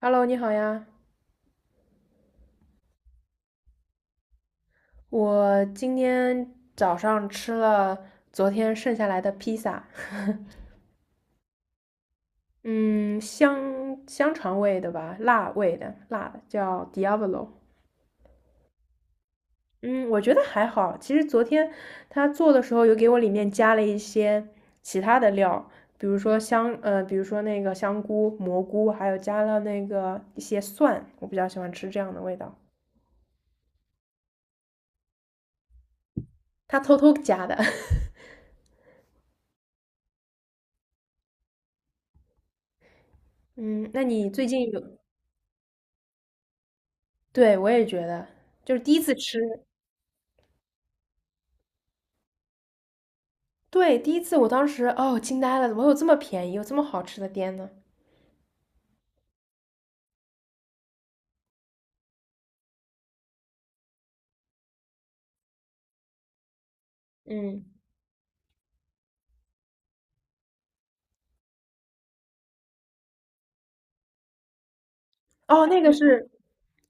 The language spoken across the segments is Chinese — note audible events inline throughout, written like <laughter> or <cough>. Hello，你好呀！我今天早上吃了昨天剩下来的披萨，嗯，香肠味的吧，辣味的，辣的叫 Diavolo。嗯，我觉得还好。其实昨天他做的时候有给我里面加了一些其他的料，比如说那个香菇、蘑菇，还有加了那个一些蒜，我比较喜欢吃这样的味道。他偷偷加的。<laughs> 嗯，那你最近有？对，我也觉得，就是第一次吃，对，第一次我当时哦惊呆了，怎么有这么便宜，有这么好吃的店呢？嗯。哦，那个是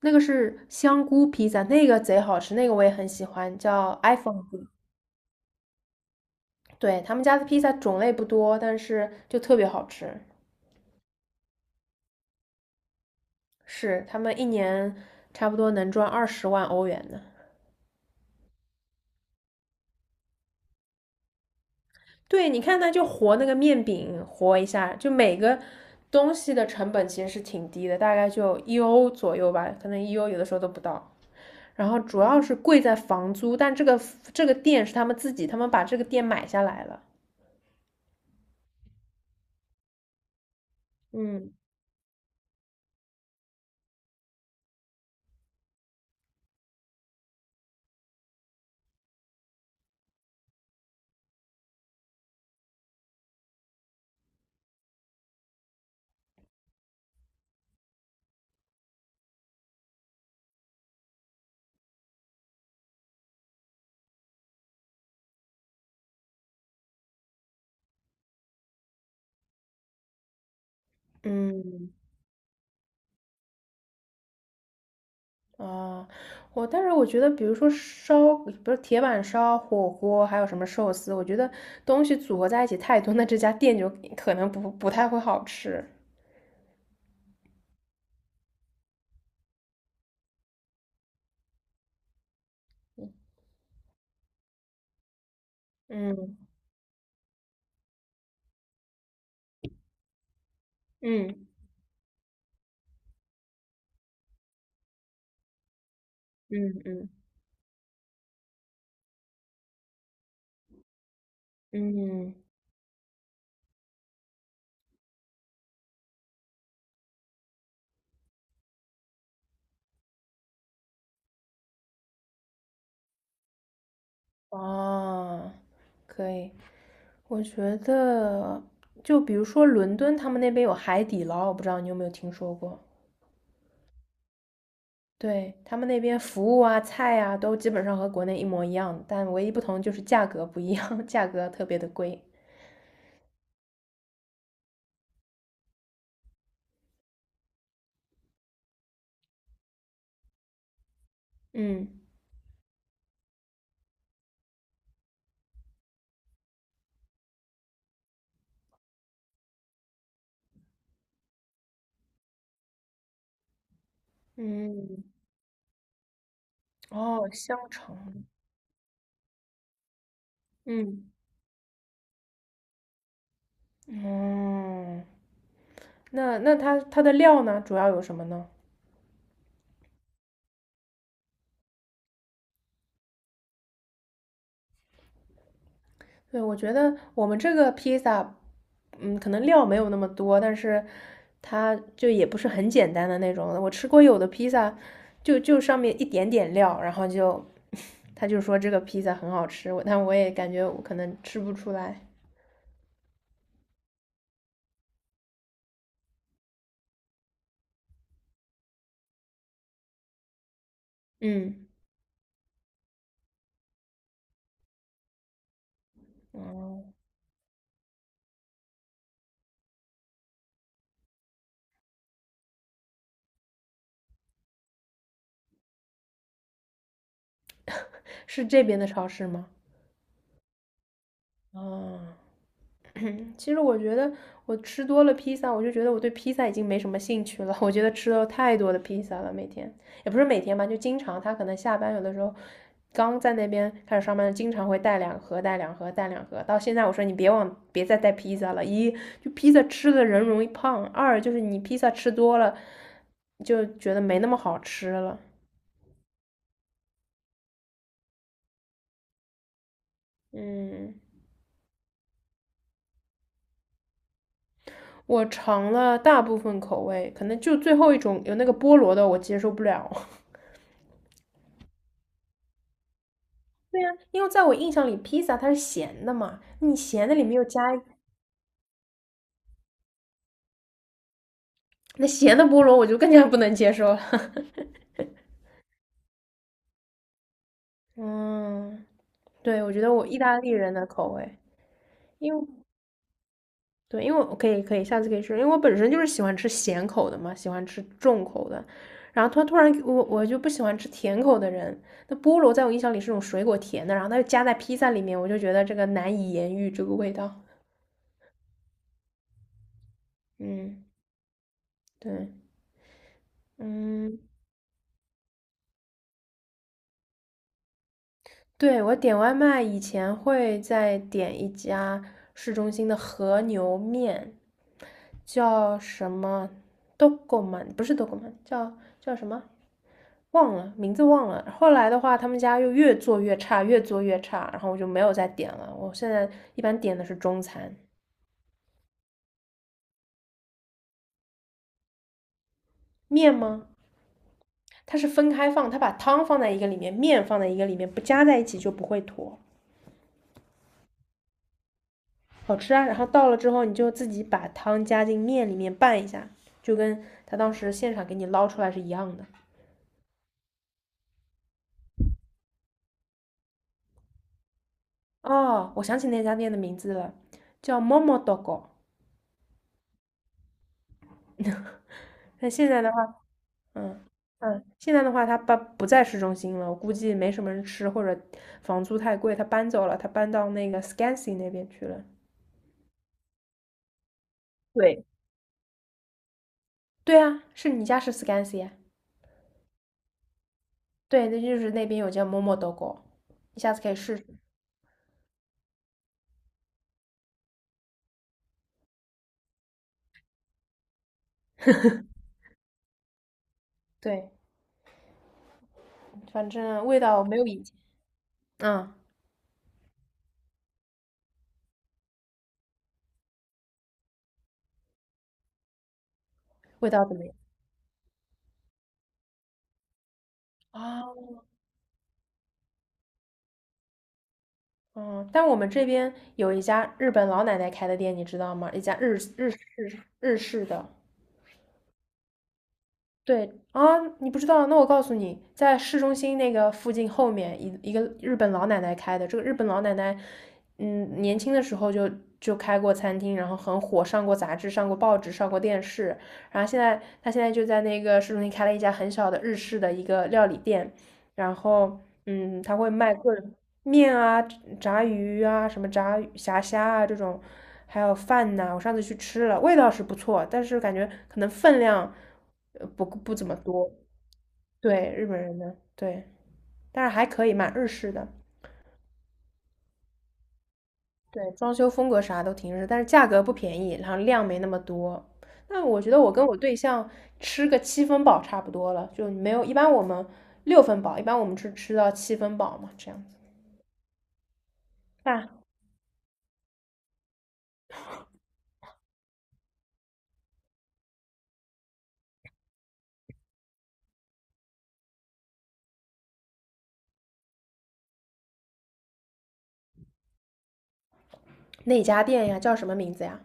那个是香菇披萨，那个贼好吃，那个我也很喜欢，叫 iPhone 披萨。对，他们家的披萨种类不多，但是就特别好吃，是他们一年差不多能赚20万欧元呢。对，你看它就和那个面饼和一下，就每个东西的成本其实是挺低的，大概就一欧左右吧，可能一欧有的时候都不到。然后主要是贵在房租，但这个店是他们自己，他们把这个店买下来了。嗯。嗯。啊，但是我觉得，比如说烧，不是铁板烧、火锅，还有什么寿司，我觉得东西组合在一起太多，那这家店就可能不太会好吃。嗯嗯嗯嗯。嗯，哦，可以。我觉得，就比如说伦敦，他们那边有海底捞，我不知道你有没有听说过。对，他们那边服务啊、菜啊，都基本上和国内一模一样，但唯一不同就是价格不一样，<laughs> 价格特别的贵。嗯。嗯，哦，香肠，嗯嗯，那它的料呢，主要有什么呢？对，我觉得我们这个披萨，嗯，可能料没有那么多，但是它就也不是很简单的那种。我吃过有的披萨，就上面一点点料，然后就 <laughs> 他就说这个披萨很好吃，我但我也感觉我可能吃不出来。嗯。哦。<laughs> 是这边的超市吗？哦。其实我觉得我吃多了披萨，我就觉得我对披萨已经没什么兴趣了。<laughs> 我觉得吃了太多的披萨了，每天也不是每天吧，就经常他可能下班有的时候刚在那边开始上班，经常会带两盒、带两盒、带两盒。到现在我说你别往别再带披萨了，一就披萨吃的人容易胖，二就是你披萨吃多了就觉得没那么好吃了。嗯，我尝了大部分口味，可能就最后一种有那个菠萝的我接受不了。对呀，因为在我印象里，披萨它是咸的嘛，你咸的里面又加一那咸的菠萝，我就更加不能接受了。<laughs> 嗯，对，我觉得我意大利人的口味，因为对，因为我可以下次可以吃，因为我本身就是喜欢吃咸口的嘛，喜欢吃重口的。然后他突然我就不喜欢吃甜口的人，那菠萝在我印象里是种水果甜的，然后它又加在披萨里面，我就觉得这个难以言喻这个味道。嗯，对，嗯。对，我点外卖以前会在点一家市中心的和牛面，叫什么 d o g m a 不是 d o g m a 叫什么忘了，名字忘了。后来的话，他们家又越做越差，越做越差，然后我就没有再点了。我现在一般点的是中餐面吗？它是分开放，它把汤放在一个里面，面放在一个里面，不加在一起就不会坨。好吃啊。然后到了之后，你就自己把汤加进面里面拌一下，就跟他当时现场给你捞出来是一样的。哦，我想起那家店的名字了，叫 Momo Dogo。<laughs> 那现在的话，嗯。嗯，现在的话，他搬不在市中心了，我估计没什么人吃，或者房租太贵，他搬走了，他搬到那个 Scansy 那边去了。对，对啊，是你家是 Scansy 啊？对，那就是那边有家 Momo Dogo，你下次可以试试。<laughs> 对。反正味道没有以前，嗯，味道怎么样？啊，嗯，但我们这边有一家日本老奶奶开的店，你知道吗？一家日式的，对啊，你不知道？那我告诉你，在市中心那个附近后面一个日本老奶奶开的。这个日本老奶奶，嗯，年轻的时候就开过餐厅，然后很火，上过杂志，上过报纸，上过电视。然后她现在就在那个市中心开了一家很小的日式的一个料理店，然后嗯，他会卖各种面啊、炸鱼啊、什么炸鱼虾啊这种，还有饭呐、我上次去吃了，味道是不错，但是感觉可能分量不怎么多。对，日本人的，对，但是还可以，蛮日式的。对，装修风格啥都挺日式，但是价格不便宜，然后量没那么多。那我觉得我跟我对象吃个七分饱差不多了，就没有，一般我们六分饱，一般我们是吃到七分饱嘛，这样子。但哪家店呀？叫什么名字呀？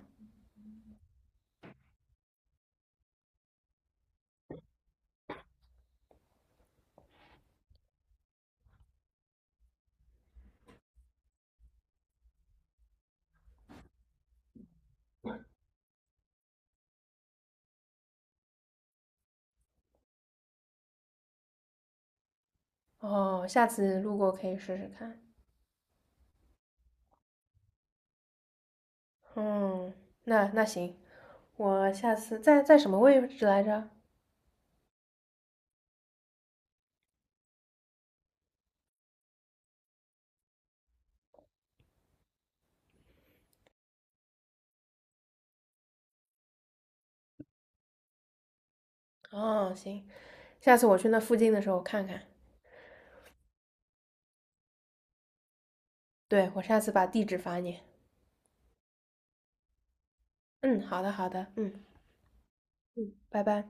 哦，下次路过可以试试看。嗯，那行，我下次在什么位置来着？哦，行，下次我去那附近的时候看看。对，我下次把地址发你。嗯，好的好的，嗯，拜拜。